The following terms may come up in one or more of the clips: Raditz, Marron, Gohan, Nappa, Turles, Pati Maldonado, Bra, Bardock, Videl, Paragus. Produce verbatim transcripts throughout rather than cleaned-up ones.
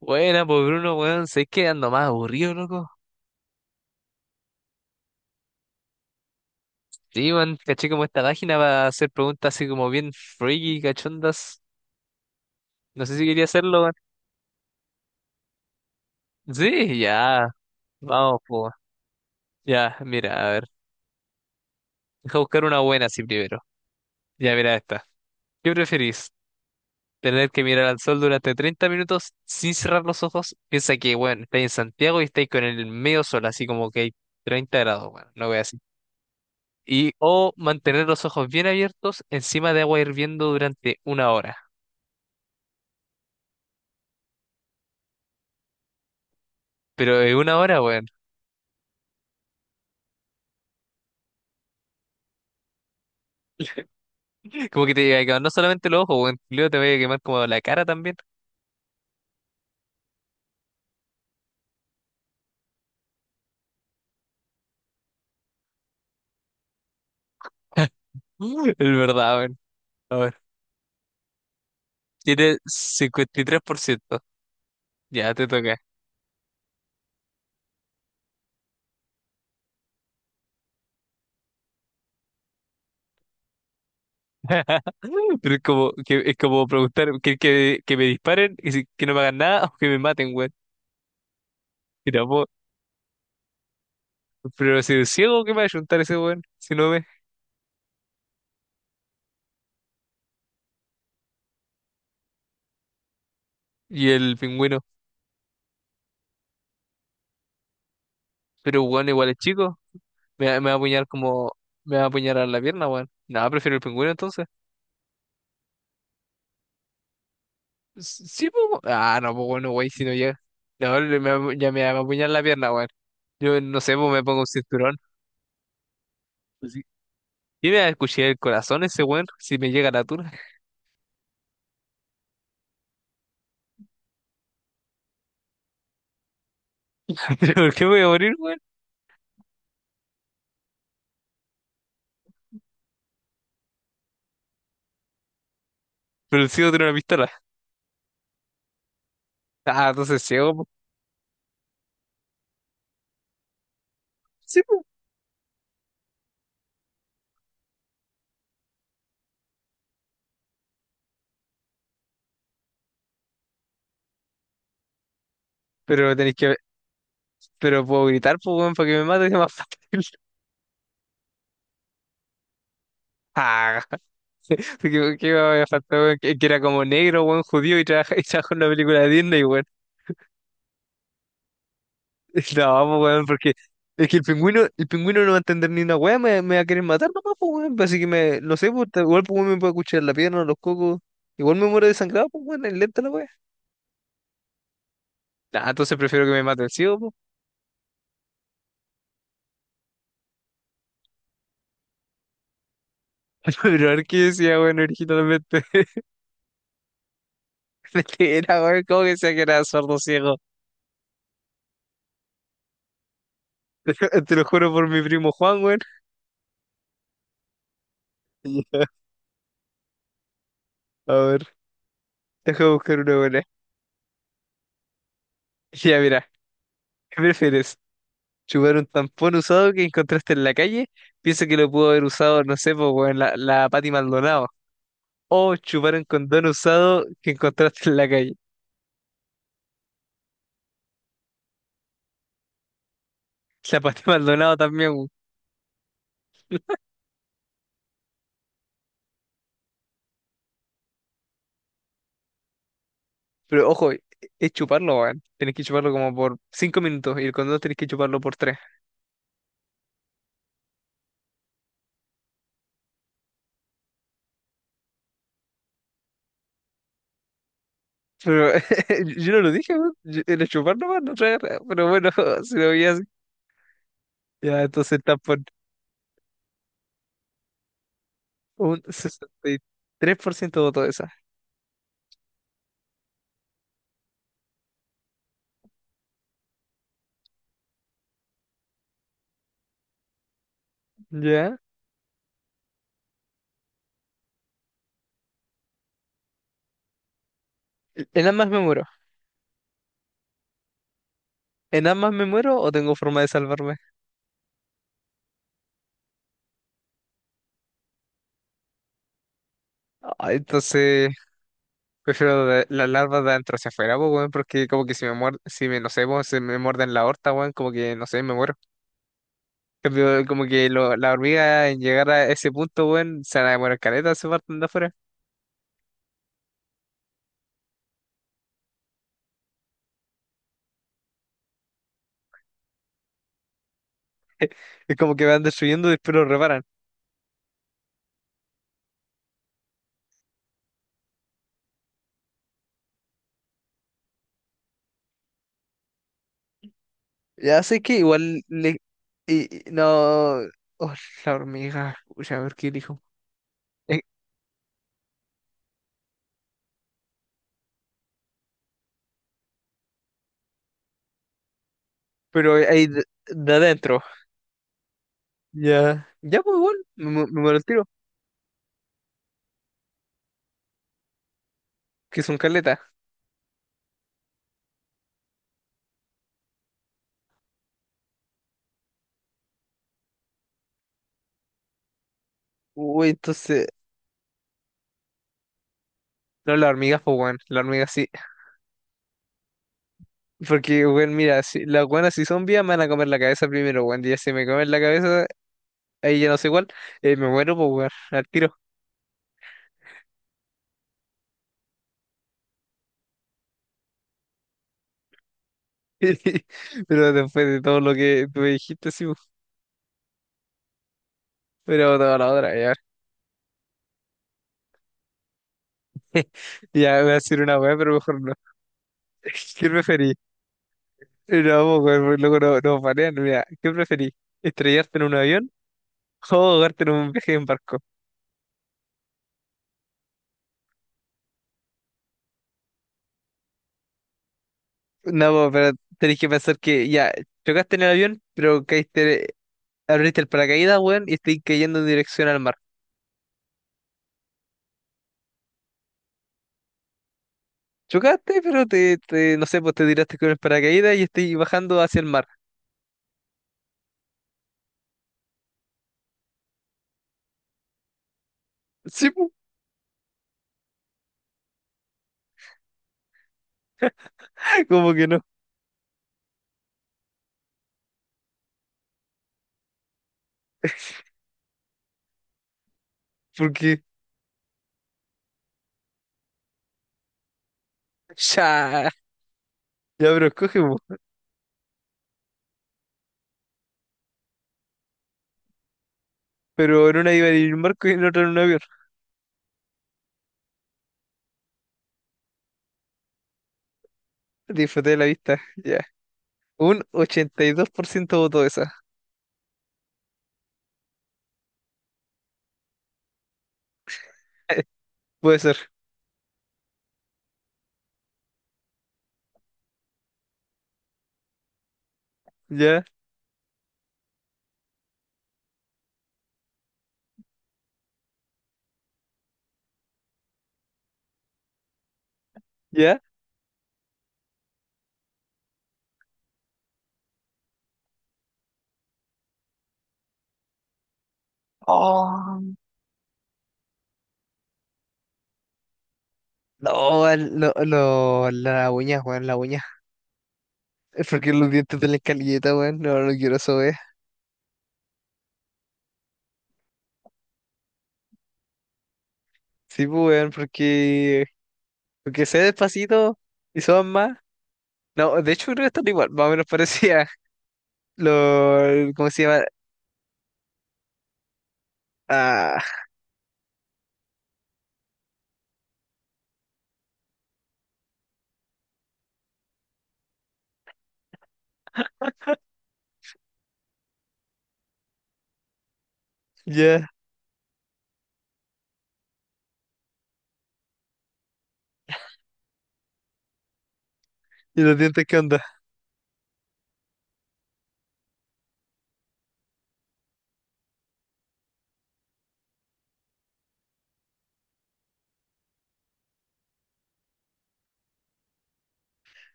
Buena, pues Bruno, weón, sé que ando más aburrido, loco. Sí, weón, caché como esta página para hacer preguntas así como bien freaky, cachondas. No sé si quería hacerlo, weón. Sí, ya, vamos, pues. Ya, mira, a ver. Deja buscar una buena así primero. Ya, mira esta. ¿Qué preferís? ¿Tener que mirar al sol durante treinta minutos sin cerrar los ojos? Piensa que, weón, estáis en Santiago y estáis con el medio sol, así como que hay treinta grados, weón, no voy así. Y o mantener los ojos bien abiertos encima de agua hirviendo durante una hora. Pero es una hora, weón. Como que te llega a quemar no solamente los ojos, weón. Luego te va a quemar como la cara también. Es verdad, weón. A ver. Tiene cincuenta y tres por ciento. Ya te toca. Pero es como, que, es como preguntar que, que, que me disparen y si- que no me hagan nada o que me maten, weón. Mira, po, pero si es ciego, ¿qué me va a ayuntar ese weón? Si no ve. Y el pingüino. Pero weón, igual es chico. Me, va- me va a apuñar como. Me va a apuñar a la pierna, weón. Nada, prefiero el pingüino entonces. Sí, po. Ah, no, pues bueno, güey, si no llega. No, le- me va- ya me va a apuñalar la pierna, güey. Yo no sé, pues me pongo un cinturón. Pues sí. Y me va a escuchar el corazón ese, güey, si me llega la tuna. ¿Pero por qué me voy a morir, güey? Pero el ciego tiene una pistola. Ah, entonces ciego, po. Sí, pues. Pero tenéis que. Pero puedo gritar, pues, güey, para que me mate, es más fácil. Ah, ¿qué, qué me va a faltar, güey? Que, que era como negro, güey, judío y trabaja, y trabajó en una película de Disney, güey. No, pues, weón, porque es que el pingüino, el pingüino no va a entender ni una weá, me, me va a querer matar nomás, pues, weón. Pues, así que me, no sé, pues, tal- igual pues, weón, me puede escuchar la pierna, los cocos. Igual me muero desangrado, pues, weón, es lenta la weá. Nah, entonces prefiero que me mate el ciego, pues. Pero a ver qué decía, weón, originalmente. Mentira, weón, ¿cómo que decía que era sordo ciego? Te lo juro por mi primo Juan, weón. Ya, a ver, deja buscar una buena. Ya, mira, ¿qué prefieres? Chupar un tampón usado que encontraste en la calle, pienso que lo pudo haber usado, no sé, pues, weón, la, la Pati Maldonado. O chupar un condón usado que encontraste en la calle. La Pati Maldonado también, weón. Pero ojo, e- es chuparlo, weón. Tenés que chuparlo como por cinco minutos y el condón tenés que chuparlo por tres. Pero yo no lo dije, weón. Yo- Era chuparlo, weón, no traer. Pero bueno, si lo veías. Ya, entonces tampón. Un sesenta y tres por ciento votó esa. ¿Ya? En ambas me muero. ¿En ambas me muero o tengo forma de salvarme? Ay, entonces prefiero de- las larvas de adentro hacia afuera, po, weón, porque como que si me muer- si me, no sé, po, si me muerden la horta, weón, como que, no sé, me muero. En cambio, como que lo- la hormiga en llegar a ese punto, weón, se van a demorar caleta, se parten de afuera. Es como que van destruyendo y después lo reparan. Ya sé que igual le. Y, y- no... Oh, la hormiga, ya a ver qué dijo. Pero ahí de, de adentro. Ya. Ya, pues, igual, me, mu- me muero el tiro, que son caletas. Uy, entonces, no, las hormigas, pues, weón. Las hormigas sí. Porque, weón, mira, si, las buenas si son vivas me van a comer la cabeza primero, weón. Y ya si me comen la cabeza, ahí ya no sé cuál, eh, me muero, pues, weón, al tiro. Pero después de todo lo que tú me dijiste, sí, pues, pero toda la otra, ya. Ya voy a decir una weá, pero mejor no. ¿Qué preferís? No, pues, weón, porque luego no, nos banean, mira, ¿qué preferís? ¿Estrellarte en un avión o ahogarte en un viaje en barco? No, pues, pero tenés que pensar que ya, chocaste en el avión, pero caíste, abriste el paracaídas, weón, y estoy cayendo en dirección al mar. Chocaste, pero te, te- no sé, pues te tiraste con el paracaídas y estoy bajando hacia el mar. Sí, pues, como que no, porque ya, ya, pero escoge, pues. Pero en una iba en un barco y en otra en un avión. Disfruté de la vista, ya. Un ochenta y dos por ciento votó esa. Puede ser, ya, ya. Oh. No, al- no, no, la uña, weón, la uña. Es porque los dientes de la escalilleta, weón, no, no quiero eso, weón. Sí, pues, weón, porque, porque sé despacito y son más. No, de hecho creo que están igual, más o menos parecía lo, ¿cómo se llama? Ah, ya. ¿Y los dientes qué onda?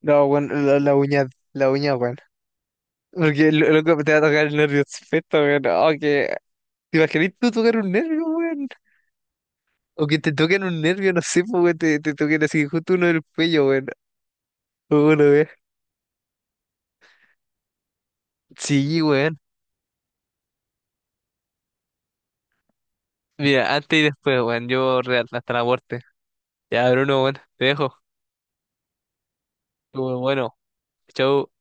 No, bueno, la, la uña, la uña, bueno. Porque lo, loco te va a tocar el nervio perfecto, weón. Oh, que, ¿te imaginas tú tocar un nervio, weón? O que te toquen un nervio, no sé, pues, weón, te, te toquen así justo uno del cuello, weón. O uno, weón. Sí, weón. Mira, antes y después, weón, yo real, hasta la muerte. Ya, Bruno, weón, te dejo. Bueno, chau.